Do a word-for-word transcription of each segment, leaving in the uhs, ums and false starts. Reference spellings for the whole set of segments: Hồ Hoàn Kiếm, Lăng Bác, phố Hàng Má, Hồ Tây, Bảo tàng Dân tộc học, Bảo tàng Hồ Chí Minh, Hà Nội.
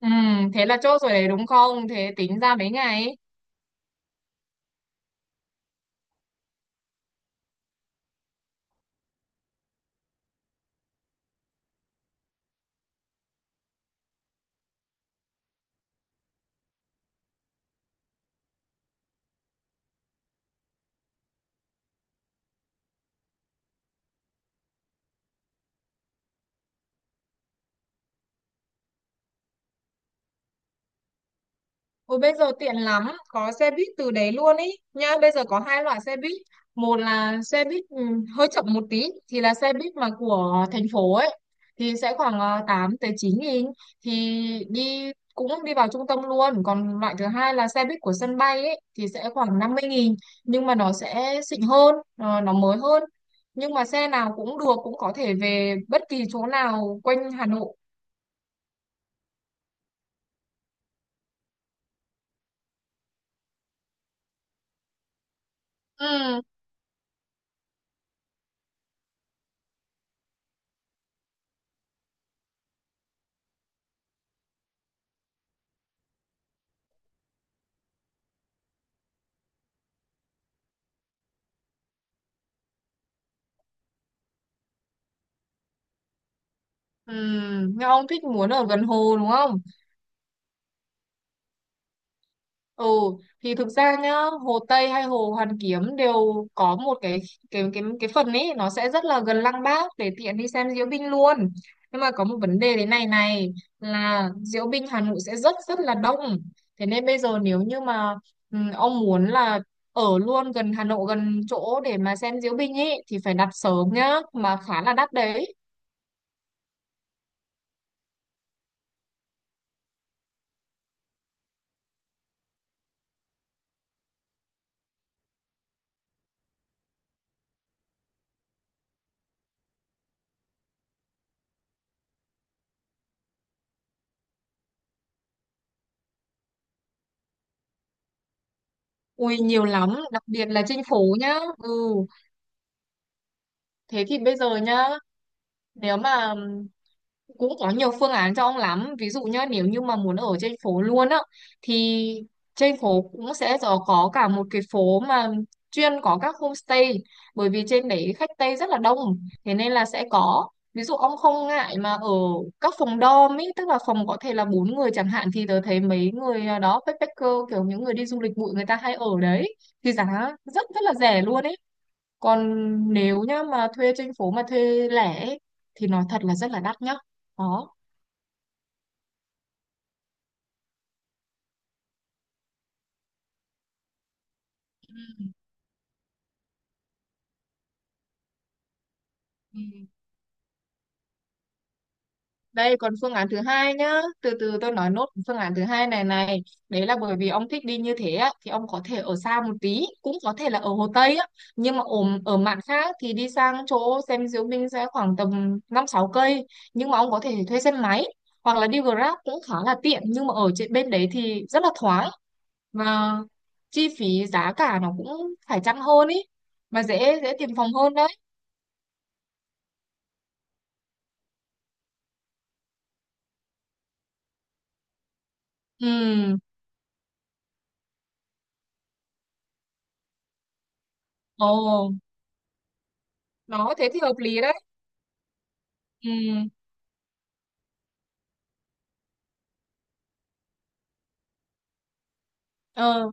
Ừ, thế là chốt rồi đấy đúng không? Thế tính ra mấy ngày ấy. Ôi bây giờ tiện lắm, có xe buýt từ đấy luôn ý. Nhá, bây giờ có hai loại xe buýt. Một là xe buýt ừ, hơi chậm một tí thì là xe buýt mà của thành phố ấy thì sẽ khoảng ờ, tám tới chín nghìn thì đi cũng đi vào trung tâm luôn. Còn loại thứ hai là xe buýt của sân bay ấy thì sẽ khoảng năm mươi nghìn nhưng mà nó sẽ xịn hơn, ờ, nó mới hơn. Nhưng mà xe nào cũng được, cũng có thể về bất kỳ chỗ nào quanh Hà Nội. Ừ. Ừ, nhưng ông thích muốn ở gần hồ đúng không? Ừ, thì thực ra nhá, Hồ Tây hay Hồ Hoàn Kiếm đều có một cái cái cái cái phần ấy nó sẽ rất là gần Lăng Bác để tiện đi xem diễu binh luôn. Nhưng mà có một vấn đề thế này này là diễu binh Hà Nội sẽ rất rất là đông. Thế nên bây giờ nếu như mà ừm, ông muốn là ở luôn gần Hà Nội gần chỗ để mà xem diễu binh ấy thì phải đặt sớm nhá, mà khá là đắt đấy. Ui nhiều lắm, đặc biệt là trên phố nhá. Ừ. Thế thì bây giờ nhá, nếu mà cũng có nhiều phương án cho ông lắm. Ví dụ nhá, nếu như mà muốn ở trên phố luôn á, thì trên phố cũng sẽ có có cả một cái phố mà chuyên có các homestay. Bởi vì trên đấy khách Tây rất là đông, thế nên là sẽ có. Ví dụ ông không ngại mà ở các phòng dorm ý, tức là phòng có thể là bốn người chẳng hạn thì tớ thấy mấy người ờ, đó backpacker kiểu những người đi du lịch bụi người ta hay ở đấy thì giá rất rất là rẻ luôn ý, còn nếu nhá mà thuê trên phố mà thuê lẻ ấy, thì nói thật là rất là đắt nhá, đó. Ừ. Ừ. Đây còn phương án thứ hai nhá, từ từ tôi nói nốt phương án thứ hai này này, đấy là bởi vì ông thích đi như thế á, thì ông có thể ở xa một tí, cũng có thể là ở Hồ Tây á, nhưng mà ở ở mạn khác thì đi sang chỗ xem diễu binh sẽ khoảng tầm năm sáu cây, nhưng mà ông có thể thuê xe máy hoặc là đi Grab cũng khá là tiện, nhưng mà ở trên bên đấy thì rất là thoáng và chi phí giá cả nó cũng phải chăng hơn ý, mà dễ dễ tìm phòng hơn đấy. Ừ. Ồ, nó thế thì hợp lý đấy. Ừ. Ờ.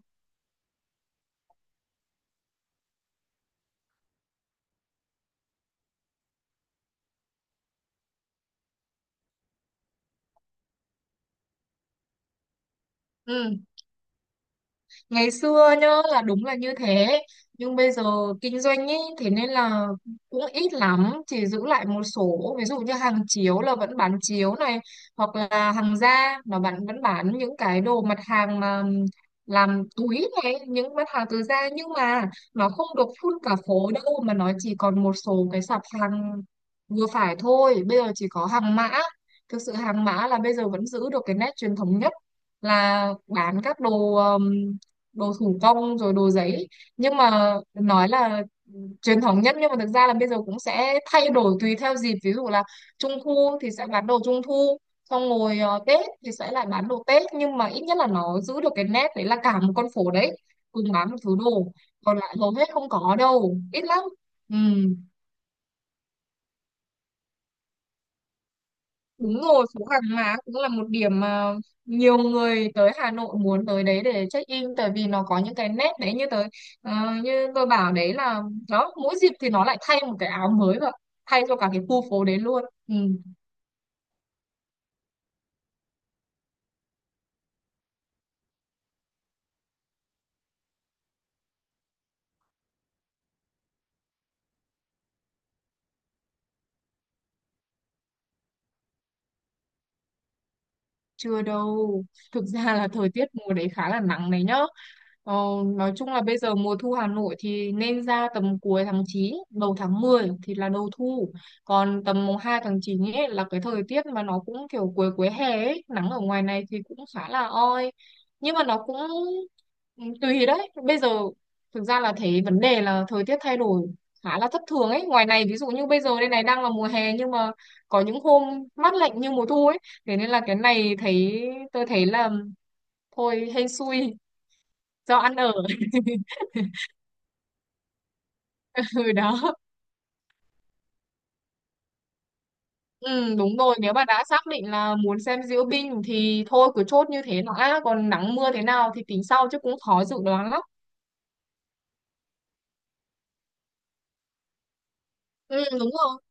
Ừ, ngày xưa nhá là đúng là như thế, nhưng bây giờ kinh doanh ý thế nên là cũng ít lắm, chỉ giữ lại một số ví dụ như hàng chiếu là vẫn bán chiếu này, hoặc là hàng da mà bạn vẫn bán những cái đồ mặt hàng mà làm túi này, những mặt hàng từ da, nhưng mà nó không được phun cả phố đâu mà nó chỉ còn một số cái sạp hàng vừa phải thôi. Bây giờ chỉ có hàng mã thực sự, hàng mã là bây giờ vẫn giữ được cái nét truyền thống nhất, là bán các đồ, đồ thủ công rồi đồ giấy, nhưng mà nói là truyền thống nhất nhưng mà thực ra là bây giờ cũng sẽ thay đổi tùy theo dịp, ví dụ là trung thu thì sẽ bán đồ trung thu, xong rồi ờ, tết thì sẽ lại bán đồ tết, nhưng mà ít nhất là nó giữ được cái nét đấy là cả một con phố đấy cùng bán một thứ đồ, còn lại hầu hết không có đâu, ít lắm. Ừ. Đúng rồi, phố Hàng Má cũng là một điểm mà nhiều người tới Hà Nội muốn tới đấy để check in, tại vì nó có những cái nét đấy, như tới ờ, như tôi bảo đấy là đó, mỗi dịp thì nó lại thay một cái áo mới và thay cho cả cái khu phố đấy luôn. Ừ. Chưa đâu. Thực ra là thời tiết mùa đấy khá là nắng đấy nhá. Ờ, nói chung là bây giờ mùa thu Hà Nội thì nên ra tầm cuối tháng chín đầu tháng mười thì là đầu thu. Còn tầm mùng hai tháng chín ấy là cái thời tiết mà nó cũng kiểu cuối cuối hè ấy, nắng ở ngoài này thì cũng khá là oi. Nhưng mà nó cũng ừ, tùy đấy. Bây giờ thực ra là thấy vấn đề là thời tiết thay đổi khá là thất thường ấy. Ngoài này ví dụ như bây giờ đây này đang là mùa hè, nhưng mà có những hôm mát lạnh như mùa thu ấy, thế nên là cái này thấy tôi thấy là thôi hên xui do ăn ở. Ừ, đó. Ừ, đúng rồi, nếu mà đã xác định là muốn xem diễu binh thì thôi cứ chốt như thế, nó đã còn nắng mưa thế nào thì tính sau chứ cũng khó dự đoán lắm. Ừ, đúng rồi,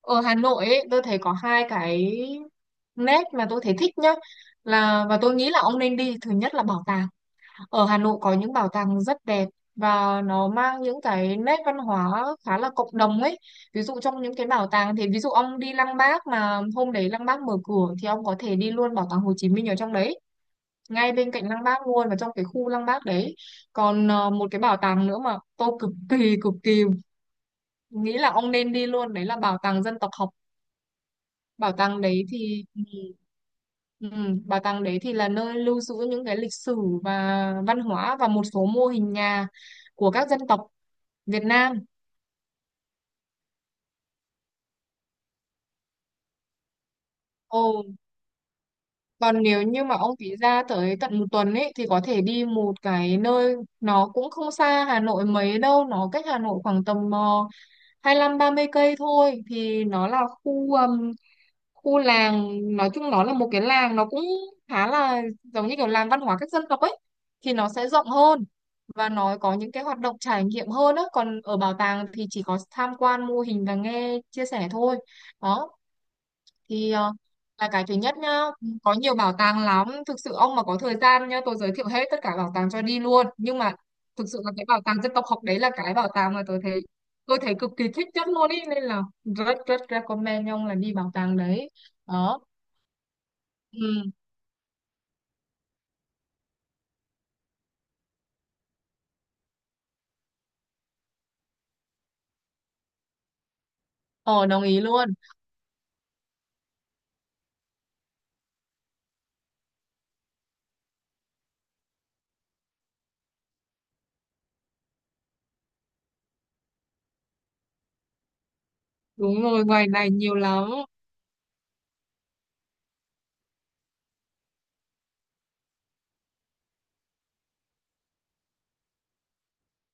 ở Hà Nội ấy, tôi thấy có hai cái nét mà tôi thấy thích nhá, là và tôi nghĩ là ông nên đi. Thứ nhất là bảo tàng. Ở Hà Nội có những bảo tàng rất đẹp và nó mang những cái nét văn hóa khá là cộng đồng ấy. Ví dụ trong những cái bảo tàng thì ví dụ ông đi Lăng Bác mà hôm đấy Lăng Bác mở cửa thì ông có thể đi luôn bảo tàng Hồ Chí Minh ở trong đấy, ngay bên cạnh Lăng Bác luôn và trong cái khu Lăng Bác đấy. Còn ờ, một cái bảo tàng nữa mà tôi cực kỳ cực kỳ nghĩ là ông nên đi luôn, đấy là bảo tàng dân tộc học. Bảo tàng đấy thì ừ, ừ, bảo tàng đấy thì là nơi lưu giữ những cái lịch sử và văn hóa và một số mô hình nhà của các dân tộc Việt Nam. Ồ, còn nếu như mà ông phí ra tới tận một tuần ấy thì có thể đi một cái nơi nó cũng không xa Hà Nội mấy đâu, nó cách Hà Nội khoảng tầm uh, hai lăm ba mươi cây thôi, thì nó là khu, khu làng, nói chung nó là một cái làng, nó cũng khá là giống như kiểu làng văn hóa các dân tộc ấy, thì nó sẽ rộng hơn và nó có những cái hoạt động trải nghiệm hơn á, còn ở bảo tàng thì chỉ có tham quan mô hình và nghe chia sẻ thôi, đó. Thì ờ, là cái thứ nhất nhá, có nhiều bảo tàng lắm, thực sự ông mà có thời gian nhá tôi giới thiệu hết tất cả bảo tàng cho đi luôn, nhưng mà thực sự là cái bảo tàng dân tộc học đấy là cái bảo tàng mà tôi thấy tôi thấy cực kỳ thích nhất luôn ý, nên là rất rất recommend ông là đi bảo tàng đấy, đó. Ừ, ờ đồng ý luôn. Đúng rồi, ngoài này nhiều lắm.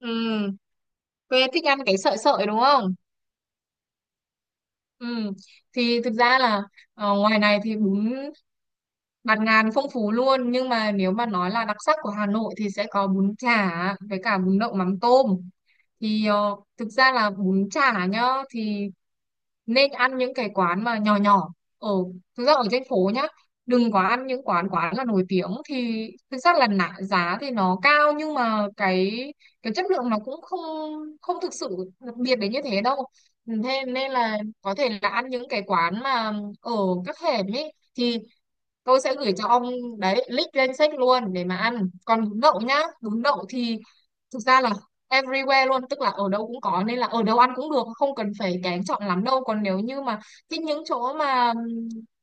Ừ, quê thích ăn cái sợi sợi đúng không? Ừ. Thì thực ra là ờ, ngoài này thì bún bạt ngàn phong phú luôn, nhưng mà nếu mà nói là đặc sắc của Hà Nội thì sẽ có bún chả với cả bún đậu mắm tôm. Thì ờ, thực ra là bún chả nhá, thì nên ăn những cái quán mà nhỏ nhỏ ở, thực ra ở trên phố nhá, đừng có ăn những quán quán là nổi tiếng, thì thực ra là nạ, giá thì nó cao nhưng mà cái cái chất lượng nó cũng không không thực sự đặc biệt đến như thế đâu, thế nên là có thể là ăn những cái quán mà ở các hẻm ấy, thì tôi sẽ gửi cho ông đấy link lên sách luôn để mà ăn. Còn bún đậu nhá, bún đậu thì thực ra là everywhere luôn, tức là ở đâu cũng có nên là ở đâu ăn cũng được, không cần phải kén chọn lắm đâu. Còn nếu như mà thích những chỗ mà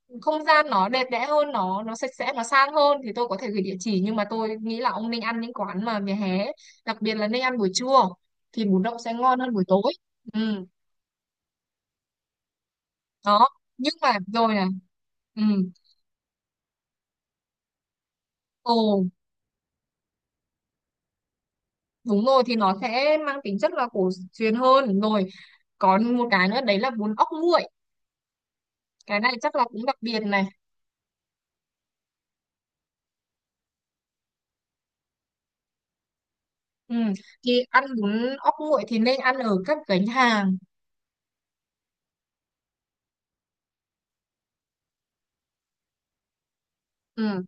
ừm, không gian nó đẹp đẽ hơn, nó nó sạch sẽ, nó sang hơn thì tôi có thể gửi địa chỉ, nhưng mà tôi nghĩ là ông nên ăn những quán mà vỉa hè ấy. Đặc biệt là nên ăn buổi trưa thì bún đậu sẽ ngon hơn buổi tối. Ừ, đó. Nhưng mà rồi này, ừ, ồ đúng rồi, thì nó sẽ mang tính chất là cổ truyền hơn rồi. Còn một cái nữa đấy là bún ốc nguội, cái này chắc là cũng đặc biệt này. Ừ, thì ăn bún ốc nguội thì nên ăn ở các gánh hàng. Ừ.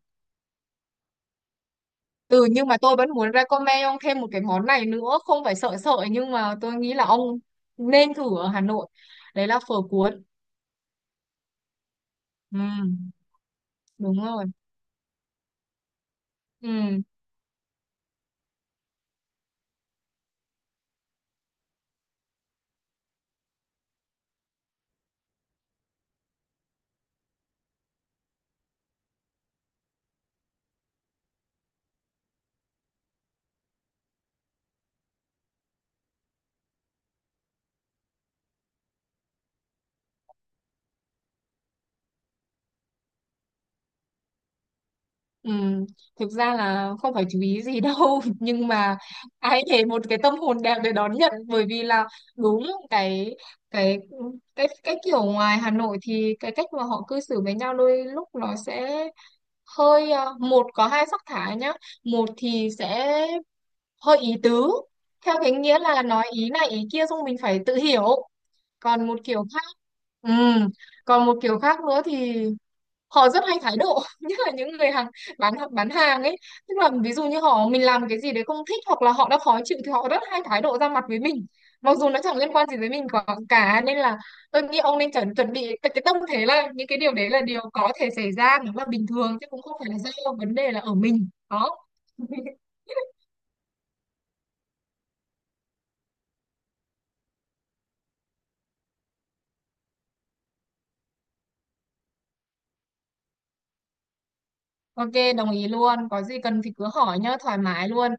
Ừ, nhưng mà tôi vẫn muốn recommend ông thêm một cái món này nữa, không phải sợ sợ, nhưng mà tôi nghĩ là ông nên thử ở Hà Nội, đấy là phở cuốn. Ừ, đúng rồi. Ừ. Ừ, thực ra là không phải chú ý gì đâu nhưng mà ai để một cái tâm hồn đẹp để đón nhận, bởi vì là đúng cái, cái cái cái kiểu ngoài Hà Nội thì cái cách mà họ cư xử với nhau đôi lúc nó sẽ hơi à, một có hai sắc thái nhá. Một thì sẽ hơi ý tứ, theo cái nghĩa là nói ý này ý kia xong mình phải tự hiểu. Còn một kiểu khác, ừ, còn một kiểu khác nữa thì họ rất hay thái độ nhất là những người hàng bán bán hàng ấy, tức là ví dụ như họ mình làm cái gì đấy không thích hoặc là họ đã khó chịu thì họ rất hay thái độ ra mặt với mình, mặc dù nó chẳng liên quan gì với mình cả, cả nên là tôi nghĩ ông nên chuẩn chuẩn bị cái cái tâm thế là những cái điều đấy là điều có thể xảy ra, nó là bình thường chứ cũng không phải là do vấn đề là ở mình, đó. Ok, đồng ý luôn, có gì cần thì cứ hỏi nhá, thoải mái luôn.